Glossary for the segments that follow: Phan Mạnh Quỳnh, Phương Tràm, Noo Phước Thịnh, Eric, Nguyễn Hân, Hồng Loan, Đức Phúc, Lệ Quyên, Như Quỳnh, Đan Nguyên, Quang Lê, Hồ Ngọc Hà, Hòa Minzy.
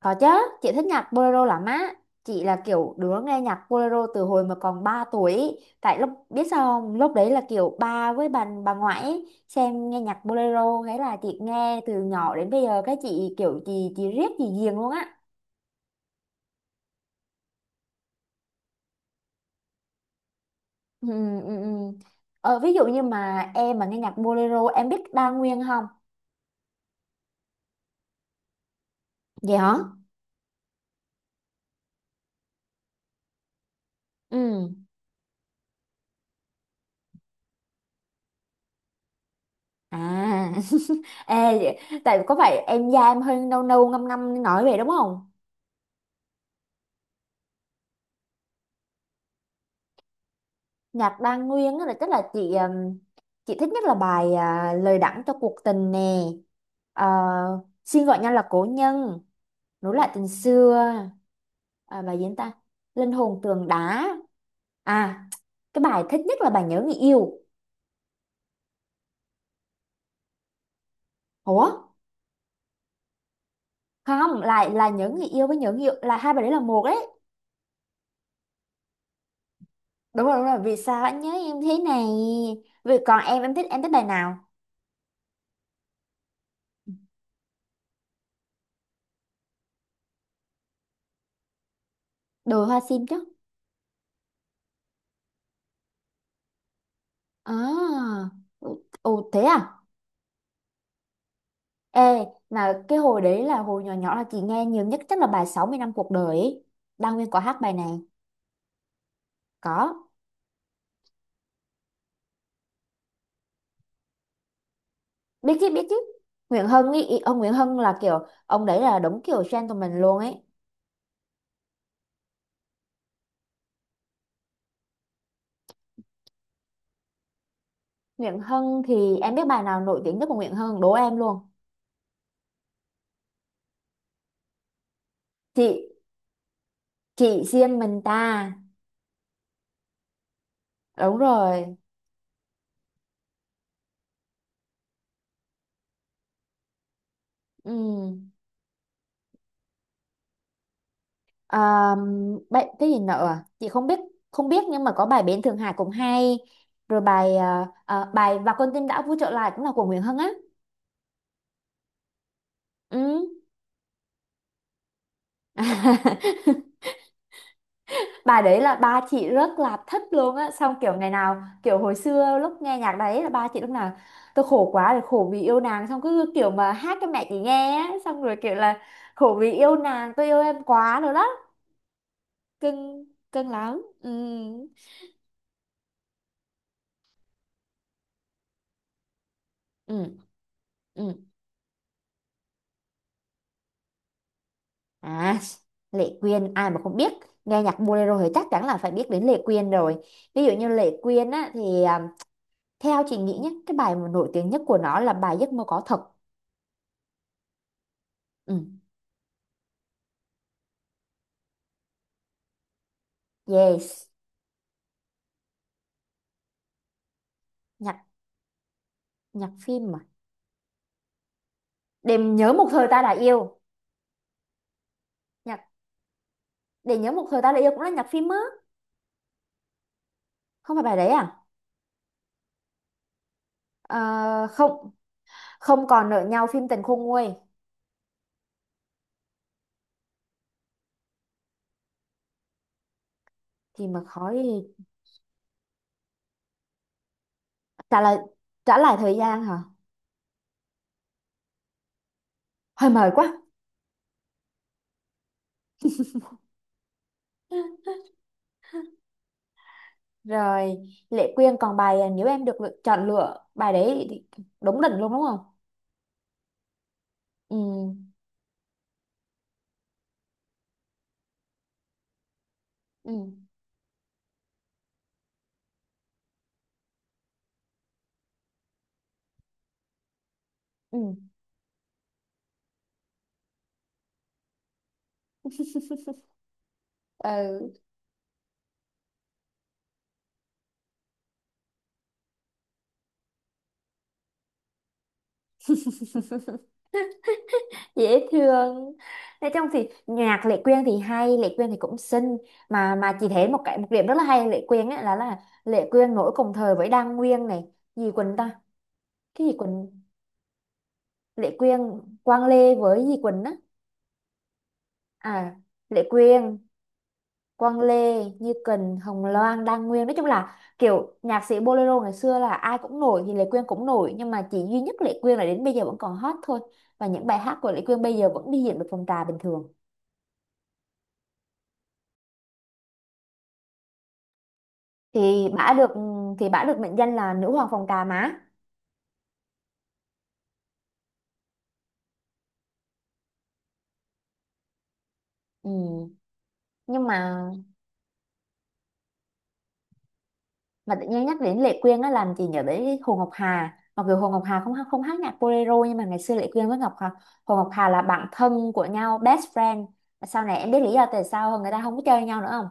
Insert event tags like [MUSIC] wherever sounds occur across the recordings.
Có chứ, chị thích nhạc bolero lắm á. Chị là kiểu đứa nghe nhạc bolero từ hồi mà còn 3 tuổi ý. Tại lúc biết sao không, lúc đấy là kiểu ba với bà ngoại ý, xem nghe nhạc bolero, thế là chị nghe từ nhỏ đến bây giờ, cái chị kiểu chị riết chị ghiền luôn á. Ừ, ừ. Ờ, ví dụ như mà em mà nghe nhạc bolero, em biết Đa Nguyên không? Vậy hả? Ừ. À. [LAUGHS] Ê, tại có phải em da em hơi nâu nâu ngăm ngăm nói vậy đúng không? Nhạc Đan Nguyên á là chắc là chị thích nhất là bài lời đắng cho cuộc tình nè. Ờ, xin gọi nhau là cố nhân, nối lại tình xưa, à, bài gì nữa ta, linh hồn tường đá, à, cái bài thích nhất là bài nhớ người yêu. Ủa, không, lại là nhớ người yêu với nhớ người yêu là hai bài, đấy là một đấy. Đúng rồi, vì sao anh nhớ em thế này. Vì còn em thích bài nào? Đồi hoa sim chứ. À, ồ, ồ, thế à. Ê, mà cái hồi đấy là hồi nhỏ nhỏ là chị nghe nhiều nhất chắc là bài 60 năm cuộc đời ấy. Đăng Nguyên có hát bài này. Có. Biết chứ, biết chứ. Nguyễn Hân ý, ông Nguyễn Hân là kiểu ông đấy là đúng kiểu gentleman luôn ấy. Nguyễn Hân thì em biết bài nào nổi tiếng nhất của Nguyễn Hân, đố em luôn. Chị chị riêng mình ta. Đúng rồi. Ừ. À, bài, cái gì nữa à? Chị không biết, không biết, nhưng mà có bài Bến Thượng Hải cũng hay. Rồi bài bài Và con tim đã vui trở lại cũng là của Nguyễn Hân á. Ừ. [LAUGHS] Bà đấy là ba chị rất là thích luôn á, xong kiểu ngày nào kiểu hồi xưa lúc nghe nhạc đấy là ba chị lúc nào tôi khổ quá rồi khổ vì yêu nàng, xong cứ kiểu mà hát cho mẹ chị nghe á, xong rồi kiểu là khổ vì yêu nàng tôi yêu em quá rồi đó cưng, cưng lắm. Ừ, ừ, ừ. À, Lệ Quyên ai mà không biết, nghe nhạc bolero thì chắc chắn là phải biết đến Lệ Quyên rồi. Ví dụ như Lệ Quyên á thì theo chị nghĩ nhé, cái bài mà nổi tiếng nhất của nó là bài Giấc mơ có thật. Ừ. Yes, nhạc nhạc phim mà. Để nhớ một thời ta đã yêu. Nhạc để nhớ một thời ta đã yêu cũng là nhạc phim á. Không phải bài đấy à? Ờ, không, không còn nợ nhau phim tình khôn nguôi, thì mà khói, trả lại, trả lại thời gian hả? Hơi mời quá. Rồi, Lệ Quyên còn bài nếu em được lựa, chọn lựa bài đấy thì đúng đỉnh luôn đúng không? Ừ, ừ, ừ. [LAUGHS] Ừ. Dễ thương. Nói chung thì nhạc Lệ Quyên thì hay, Lệ Quyên thì cũng xinh, mà chị thấy một cái, một điểm rất là hay ở Lệ Quyên ấy là Lệ Quyên nổi cùng thời với Đan Nguyên này, gì Quỳnh ta, cái gì Quỳnh. Lệ Quyên, Quang Lê với gì Quỳnh á. À. Lệ Quyên, Quang Lê, Như Quỳnh, Hồng Loan, Đan Nguyên, nói chung là kiểu nhạc sĩ bolero ngày xưa là ai cũng nổi, thì Lệ Quyên cũng nổi, nhưng mà chỉ duy nhất Lệ Quyên là đến bây giờ vẫn còn hot thôi, và những bài hát của Lệ Quyên bây giờ vẫn đi diễn được phòng trà bình thường. Thì bả được, thì bả được mệnh danh là nữ hoàng phòng trà má. Ừ. Nhưng mà, tự nhiên nhắc đến Lệ Quyên á làm chị nhớ đến Hồ Ngọc Hà, mặc dù Hồ Ngọc Hà không hát nhạc bolero, nhưng mà ngày xưa Lệ Quyên với Ngọc Hà, Hồ Ngọc Hà là bạn thân của nhau, best friend. Sau này em biết lý do tại sao người ta không có chơi nhau nữa không?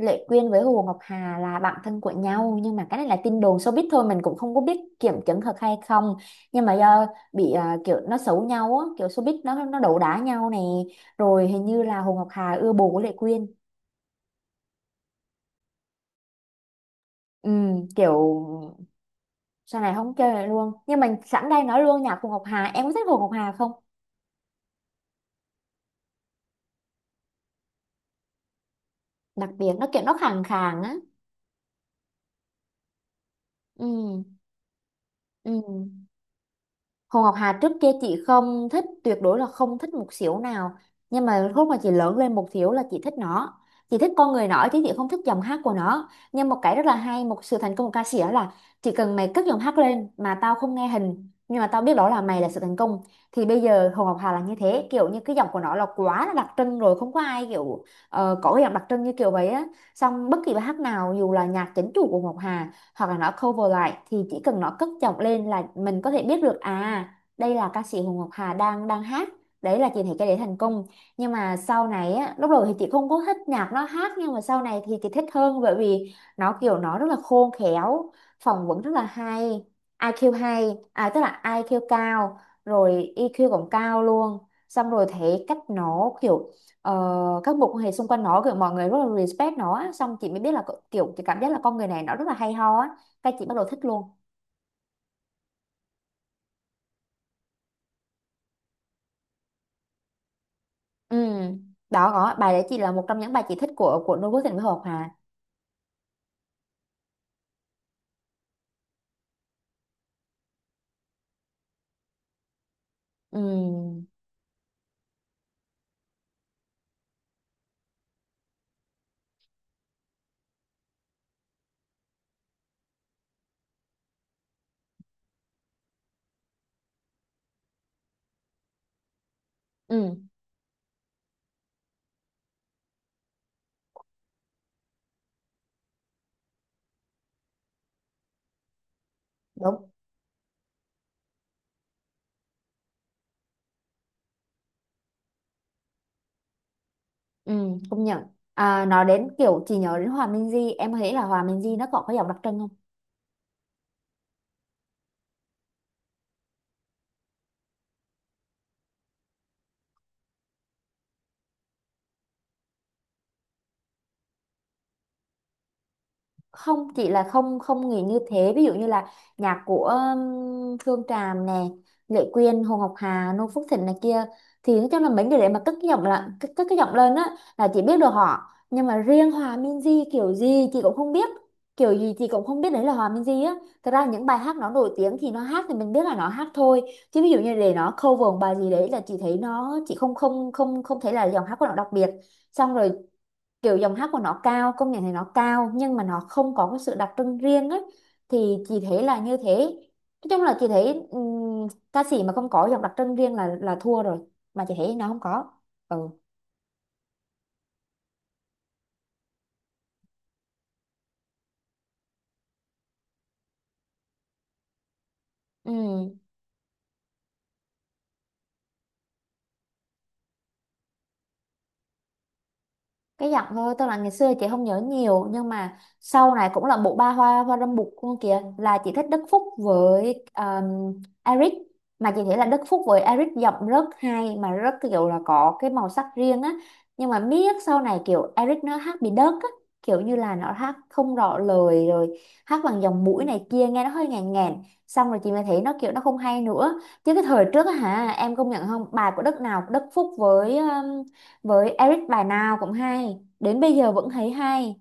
Lệ Quyên với Hồ Ngọc Hà là bạn thân của nhau, nhưng mà cái này là tin đồn showbiz thôi, mình cũng không có biết kiểm chứng thật hay không, nhưng mà do bị kiểu nó xấu nhau á, kiểu showbiz nó đấu đá nhau này, rồi hình như là Hồ Ngọc Hà ưa bồ của Lệ Quyên. Ừ, kiểu sau này không chơi lại luôn. Nhưng mà sẵn đây nói luôn, nhạc Hồ Ngọc Hà, em có thích Hồ Ngọc Hà không? Đặc biệt nó kiểu nó khàn khàn á. Ừ, ừ. Hồ Ngọc Hà trước kia chị không thích, tuyệt đối là không thích một xíu nào, nhưng mà lúc mà chị lớn lên một xíu là chị thích nó. Chị thích con người nó chứ chị không thích giọng hát của nó, nhưng một cái rất là hay, một sự thành công của ca sĩ đó là chỉ cần mày cất giọng hát lên mà tao không nghe hình nhưng mà tao biết đó là mày, là sự thành công. Thì bây giờ Hồ Ngọc Hà là như thế, kiểu như cái giọng của nó là quá là đặc trưng rồi, không có ai kiểu, ờ, có cái giọng đặc trưng như kiểu vậy á, xong bất kỳ bài hát nào dù là nhạc chính chủ của Ngọc Hà hoặc là nó cover lại, thì chỉ cần nó cất giọng lên là mình có thể biết được à đây là ca sĩ Hồ Ngọc Hà đang đang hát, đấy là chị thấy cái đấy thành công. Nhưng mà sau này á, lúc đầu thì chị không có thích nhạc nó hát, nhưng mà sau này thì chị thích hơn, bởi vì nó kiểu nó rất là khôn khéo, phỏng vấn rất là hay. IQ hay, à tức là IQ cao, rồi EQ cũng cao luôn. Xong rồi thấy cách nó kiểu, ờ, các mối quan hệ xung quanh nó kiểu mọi người rất là respect nó á. Xong chị mới biết là kiểu chị cảm giác là con người này nó rất là hay ho á, cái chị bắt đầu thích luôn. Ừ. Đó, có bài đấy chị là một trong những bài chị thích của Noo Phước Thịnh với Hồ Hòa. Ừ. Ừ. Đúng. Ừ. Công nhận. À, nói đến kiểu chị nhớ đến Hòa Minzy, em thấy là Hòa Minzy nó còn có giọng đặc trưng không? Không, chỉ là không, không nghĩ như thế. Ví dụ như là nhạc của Phương Tràm nè, Lệ Quyên, Hồ Ngọc Hà, Noo Phước Thịnh này kia, thì nói chung là mấy người để mà cất cái giọng là cất cái giọng lên á là chị biết được họ. Nhưng mà riêng Hòa Minzy kiểu gì chị cũng không biết, kiểu gì chị cũng không biết đấy là Hòa Minzy á. Thật ra những bài hát nó nổi tiếng thì nó hát thì mình biết là nó hát thôi, chứ ví dụ như để nó cover một bài gì đấy là chị thấy nó, chị không không không không thấy là giọng hát của nó đặc biệt. Xong rồi kiểu giọng hát của nó cao, công nhận thì nó cao, nhưng mà nó không có cái sự đặc trưng riêng ấy, thì chị thấy là như thế. Nói chung là chị thấy ca sĩ mà không có giọng đặc trưng riêng là thua rồi, mà chị thấy nó không có. Ừ. Ừ. Cái giọng thôi, tức là ngày xưa chị không nhớ nhiều, nhưng mà sau này cũng là bộ ba hoa hoa râm bụt luôn kìa, là chị thích Đức Phúc với Eric. Mà chị thấy là Đức Phúc với Eric giọng rất hay, mà rất kiểu là có cái màu sắc riêng á. Nhưng mà miết sau này kiểu Eric nó hát bị đớt á, kiểu như là nó hát không rõ lời rồi, hát bằng dòng mũi này kia nghe nó hơi ngàn ngàn, xong rồi chị mới thấy nó kiểu nó không hay nữa, chứ cái thời trước á hả, em công nhận không, bài của Đức Phúc với Eric bài nào cũng hay, đến bây giờ vẫn thấy hay.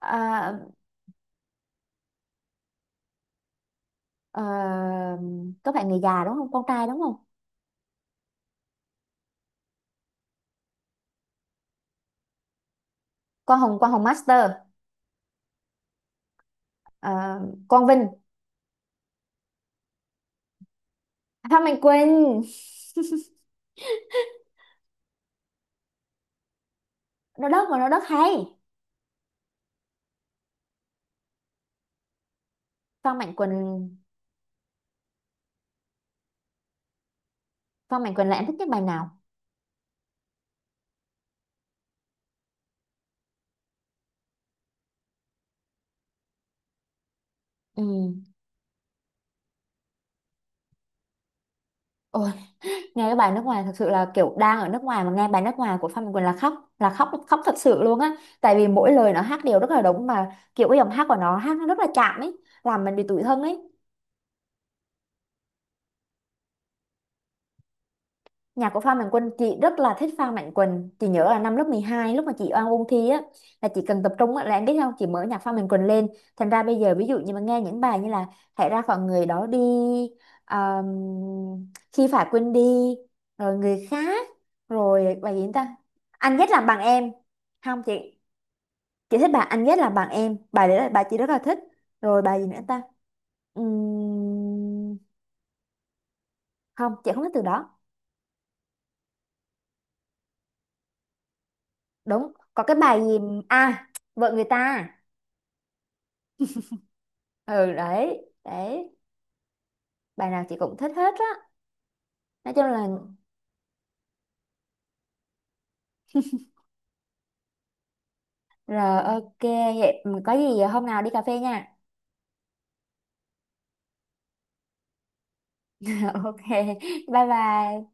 à, à, các bạn người già đúng không, con trai đúng không? Con Hồng, con Hồng Master, à, con Vinh. À, Phan Mạnh Quỳnh. [LAUGHS] Nó đất mà nó đất hay. Phan Mạnh Quỳnh. Phan Mạnh Quỳnh là em thích nhất bài nào? Ừ. Ôi, nghe cái bài nước ngoài thật sự là kiểu đang ở nước ngoài mà nghe bài nước ngoài của Phan Mạnh Quỳnh là khóc, là khóc, khóc thật sự luôn á, tại vì mỗi lời nó hát đều rất là đúng, mà kiểu cái giọng hát của nó hát nó rất là chạm ấy, làm mình bị tủi thân ấy. Nhà của Phan Mạnh Quỳnh, chị rất là thích Phan Mạnh Quỳnh. Chị nhớ là năm lớp 12 lúc mà chị oan ôn thi á, là chị cần tập trung á, là em biết không, chị mở nhạc Phan Mạnh Quỳnh lên. Thành ra bây giờ ví dụ như mà nghe những bài như là hãy ra khỏi người đó đi, um, khi phải quên đi, rồi người khác, rồi bài gì ta, anh ghét làm bằng em. Không chị thích bài anh ghét làm bằng em, bài đấy là bài chị rất là thích. Rồi bài gì nữa ta? Ừm, không chị không thích từ đó. Đúng, có cái bài gì, à, vợ người ta. Ừ, đấy đấy, bài nào chị cũng thích hết á. Nói chung là, rồi ok, vậy ừ, có gì ờ, hôm nào đi cà phê nha. [LAUGHS] Ok, bye bye.